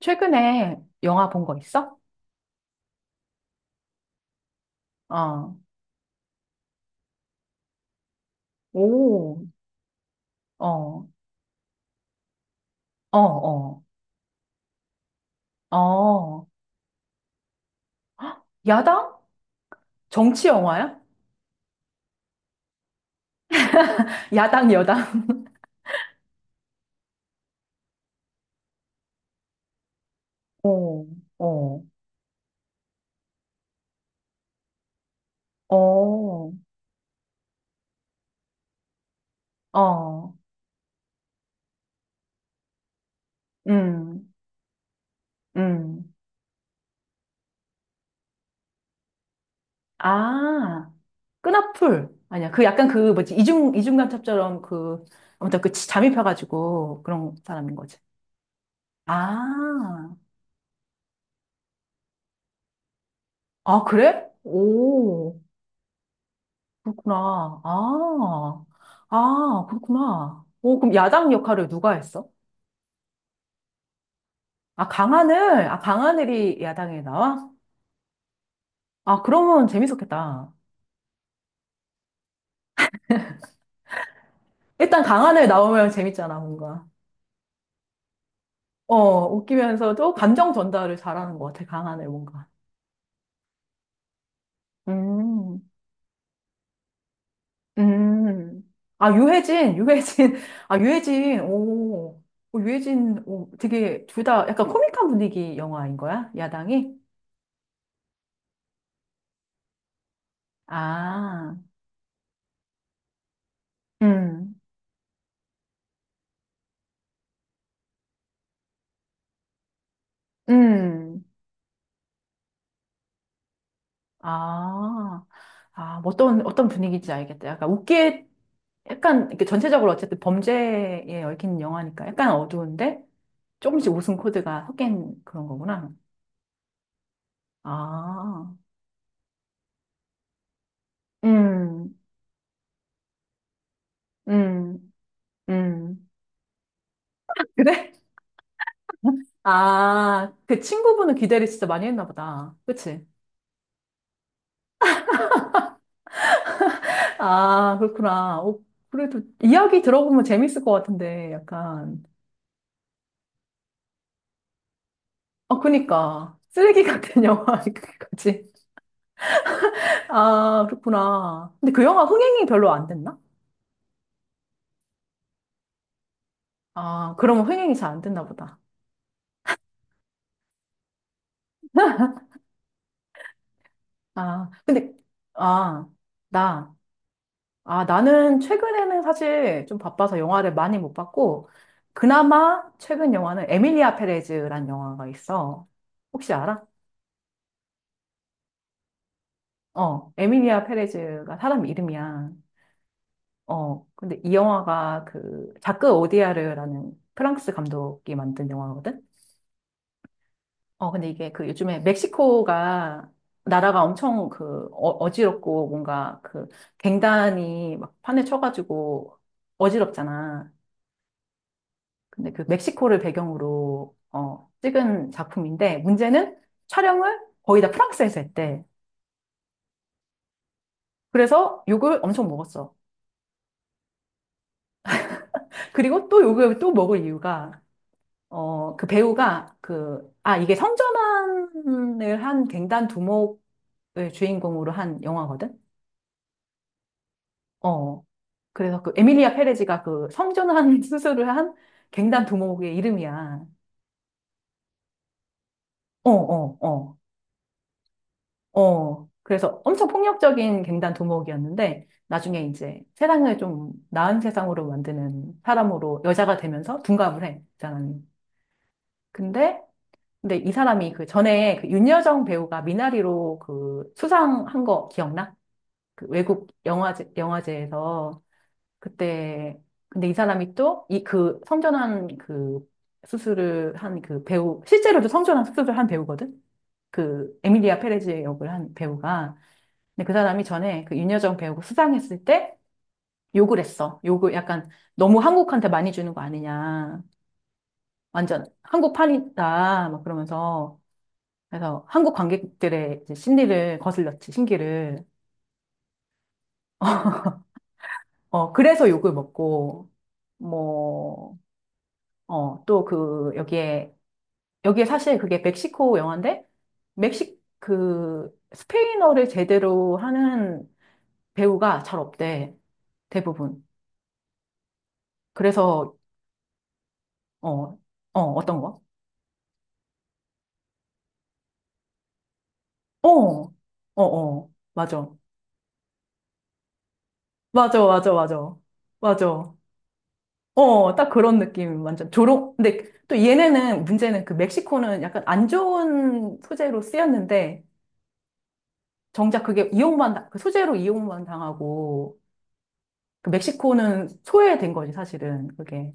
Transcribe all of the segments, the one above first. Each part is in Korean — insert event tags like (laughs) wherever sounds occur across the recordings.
최근에 영화 본 거 있어? 어. 오. 어. 어, 어. 어. 야당? 정치 영화야? (laughs) 야당, 여당. (laughs) 어. 어. 어. 어. 음. 음. 아. 끈앞풀. 아니야. 그 약간 그 뭐지? 이중간첩처럼 그 아무튼 그 잠입해 가지고 그런 사람인 거지. 아. 아, 그래? 오. 그렇구나. 아, 아, 그렇구나. 오, 그럼 야당 역할을 누가 했어? 아, 강하늘. 아, 강하늘이 야당에 나와? 아, 그러면 재밌었겠다. 일단 강하늘 나오면 재밌잖아, 뭔가. 어, 웃기면서도 감정 전달을 잘하는 것 같아, 강하늘 뭔가. 음, 아, 유해진, 유해진. (laughs) 아, 유해진. 오, 오, 유해진. 오, 되게 둘 다 약간 코믹한 분위기 영화인 거야, 야당이? 아, 음. 음. 아, 아, 뭐 어떤, 어떤 분위기인지 알겠다. 약간 웃기에, 약간, 이렇게 전체적으로 어쨌든 범죄에 얽힌 영화니까 약간 어두운데 조금씩 웃음 코드가 섞인 그런 거구나. 아, 음, 음, 음. 그래? (laughs) 아, 그 친구분은 기대를 진짜 많이 했나 보다. 그치? 아, 그렇구나. 어, 그래도 이야기 들어보면 재밌을 것 같은데, 약간. 어, 그니까. 쓰레기 같은 (laughs) 영화까지. 아, 그렇구나. 근데 그 영화 흥행이 별로 안 됐나? 아, 그러면 흥행이 잘 안 됐나 보다. (laughs) 아, 근데, 아, 나, 아, 나는 최근에는 사실 좀 바빠서 영화를 많이 못 봤고, 그나마 최근 영화는 에밀리아 페레즈란 영화가 있어. 혹시 알아? 어, 에밀리아 페레즈가 사람 이름이야. 어, 근데 이 영화가 그, 자크 오디아르라는 프랑스 감독이 만든 영화거든? 어, 근데 이게 그 요즘에 멕시코가 나라가 엄청 그 어, 어지럽고 뭔가 그 갱단이 막 판에 쳐가지고 어지럽잖아. 근데 그 멕시코를 배경으로 어, 찍은 작품인데 문제는 촬영을 거의 다 프랑스에서 했대. 그래서 욕을 엄청 먹었어. 그리고 또 욕을 또 먹을 이유가 어, 그 배우가 그, 아, 이게 성전환을 한 갱단 두목을 주인공으로 한 영화거든? 어. 그래서 그 에밀리아 페레지가 그 성전환 (laughs) 수술을 한 갱단 두목의 이름이야. 어, 어, 어, 어. 그래서 엄청 폭력적인 갱단 두목이었는데 나중에 이제 세상을 좀 나은 세상으로 만드는 사람으로 여자가 되면서 둔갑을 해, 이 사람이. 근데 근데 이 사람이 그 전에 그 윤여정 배우가 미나리로 그 수상한 거 기억나? 그 외국 영화제에서 그때 근데 이 사람이 또 이 그 성전환 그 수술을 한 그 배우 실제로도 성전환 수술을 한 배우거든. 그 에밀리아 페레즈 역을 한 배우가 근데 그 사람이 전에 그 윤여정 배우가 수상했을 때 욕을 했어. 욕을 약간 너무 한국한테 많이 주는 거 아니냐. 완전 한국판이다. 막 그러면서 그래서 한국 관객들의 이제 심리를 거슬렸지. 신기를 어 그래서 욕을 먹고 뭐 어 또 그 여기에 사실 그게 멕시코 영화인데, 그, 스페인어를 제대로 하는 배우가 잘 없대, 대부분. 그래서, 어, 어, 어떤 거? 어, 어, 어, 맞아. 맞아, 맞아, 맞아. 맞아. 어, 딱 그런 느낌, 완전. 조롱, 근데 또 얘네는, 문제는 그 멕시코는 약간 안 좋은 소재로 쓰였는데, 정작 그게 이용만, 그 소재로 이용만 당하고, 그 멕시코는 소외된 거지, 사실은, 그게.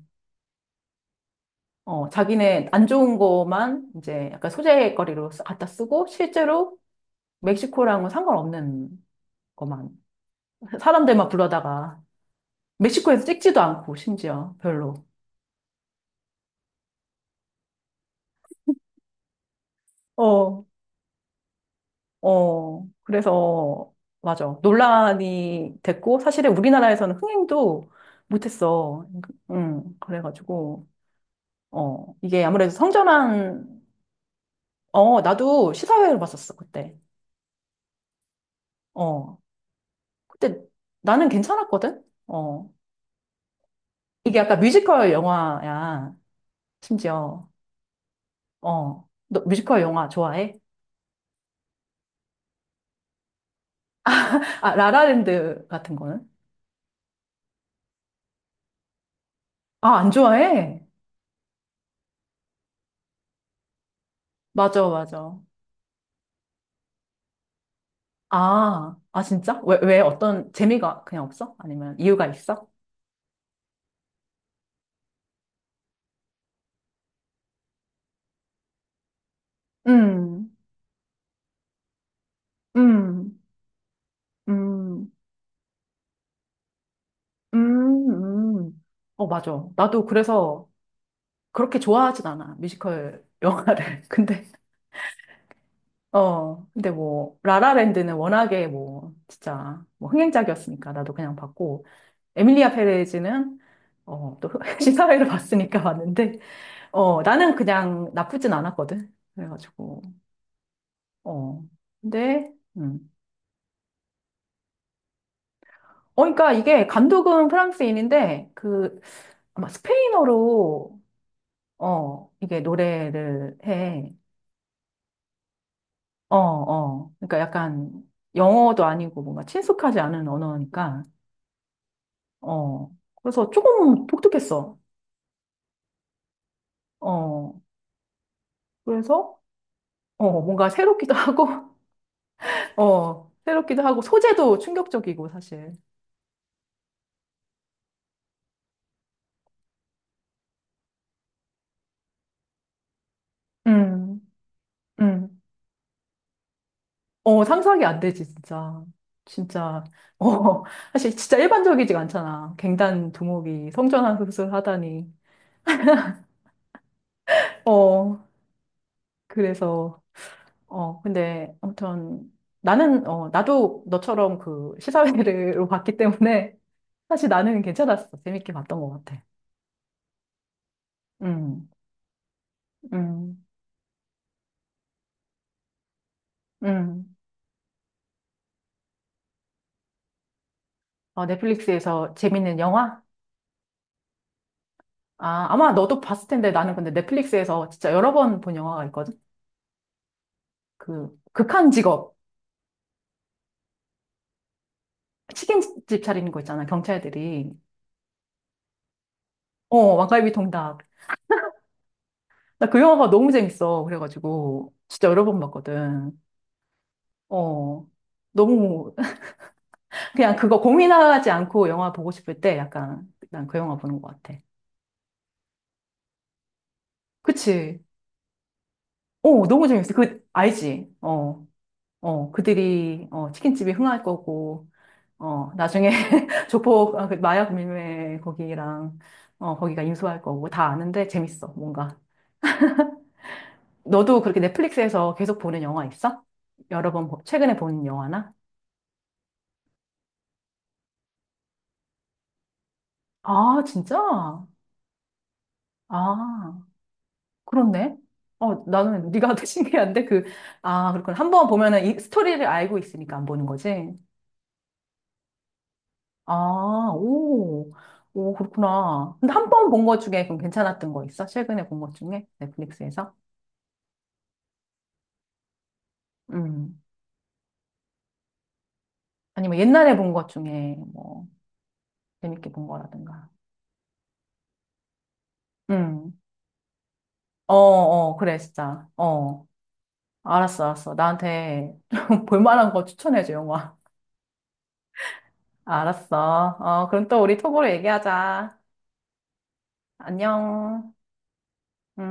어, 자기네 안 좋은 거만 이제 약간 소재거리로 갖다 쓰고 실제로 멕시코랑은 상관없는 것만 사람들만 불러다가 멕시코에서 찍지도 않고 심지어 별로. 어, 어. 그래서 맞아. 논란이 됐고 사실은 우리나라에서는 흥행도 못했어. 응, 그래가지고 어, 이게 아무래도 성전환 어, 나도 시사회를 봤었어, 그때. 어, 그때 나는 괜찮았거든? 어, 이게 약간 뮤지컬 영화야, 심지어. 어. 너 뮤지컬 영화 좋아해? 아, 라라랜드 같은 거는? 아, 안 좋아해? 맞아, 맞아. 아, 아, 진짜? 왜, 왜 어떤 재미가 그냥 없어? 아니면 이유가 있어? 음, 음, 음, 음, 음. 어, 맞아. 나도 그래서 그렇게 좋아하진 않아, 뮤지컬 영화를. (laughs) 근데, 어, 근데 뭐, 라라랜드는 워낙에 뭐, 진짜, 뭐, 흥행작이었으니까 나도 그냥 봤고, 에밀리아 페레즈는 어, 또 (laughs) 시사회를 봤으니까 봤는데 어, 나는 그냥 나쁘진 않았거든. 그래가지고 어, 근데 어, 그러니까 이게 감독은 프랑스인인데 그 아마 스페인어로 어, 이게 노래를 해. 어, 어. 그러니까 약간 영어도 아니고 뭔가 친숙하지 않은 언어니까 어. 그래서 조금 독특했어. 어. 그래서 어, 뭔가 새롭기도 (laughs) 하고 어, 새롭기도 하고, 소재도 충격적이고, 사실. 음, 음, 어, 상상이 안 되지, 진짜. 진짜. 어, 사실 진짜 일반적이지가 않잖아. 갱단 두목이 성전환 수술 하다니. 어, 그래서, 어, 근데 아무튼 나는, 어, 나도 너처럼 그 시사회를 (laughs) 봤기 때문에 사실 나는 괜찮았어. 재밌게 봤던 것 같아. 음. 음, 음. 어, 넷플릭스에서 재밌는 영화? 아, 아마 너도 봤을 텐데 나는 근데 넷플릭스에서 진짜 여러 번 본 영화가 있거든? 그, 극한 직업. 치킨집 차리는 거 있잖아, 경찰들이. 어, 왕갈비 통닭. 나 그 영화가 너무 재밌어. 그래가지고, 진짜 여러 번 봤거든. 어, 너무, (laughs) 그냥 그거 고민하지 않고 영화 보고 싶을 때 약간, 난 그 영화 보는 것 같아. 그치? 어, 너무 재밌어. 그, 알지? 어, 어, 그들이, 어, 치킨집이 흥할 거고, 어, 나중에 (laughs) 조폭, 아, 그 마약 밀매 거기랑, 어, 거기가 인수할 거고 다 아는데 재밌어, 뭔가. 너도 그렇게 넷플릭스에서 계속 보는 영화 있어? 여러 번, 최근에 본 영화나? 아, 진짜? 아, 그렇네. 어, 나는 네가 (laughs) 더 신기한데 그, 아, 그렇군. 한번 보면은 이 스토리를 알고 있으니까 안 보는 거지. 아, 오, 오, 그렇구나. 근데 한 번 본 것 중에 그럼 괜찮았던 거 있어? 최근에 본 것 중에 넷플릭스에서? 음. 아니면 옛날에 본 것 중에 뭐 재밌게 본 거라든가. 음. 어, 어, 그래, 진짜. 어. 알았어, 알았어. 나한테 (laughs) 볼만한 거 추천해줘, 영화. 알았어. 어, 그럼 또 우리 톡으로 얘기하자. 안녕. 응?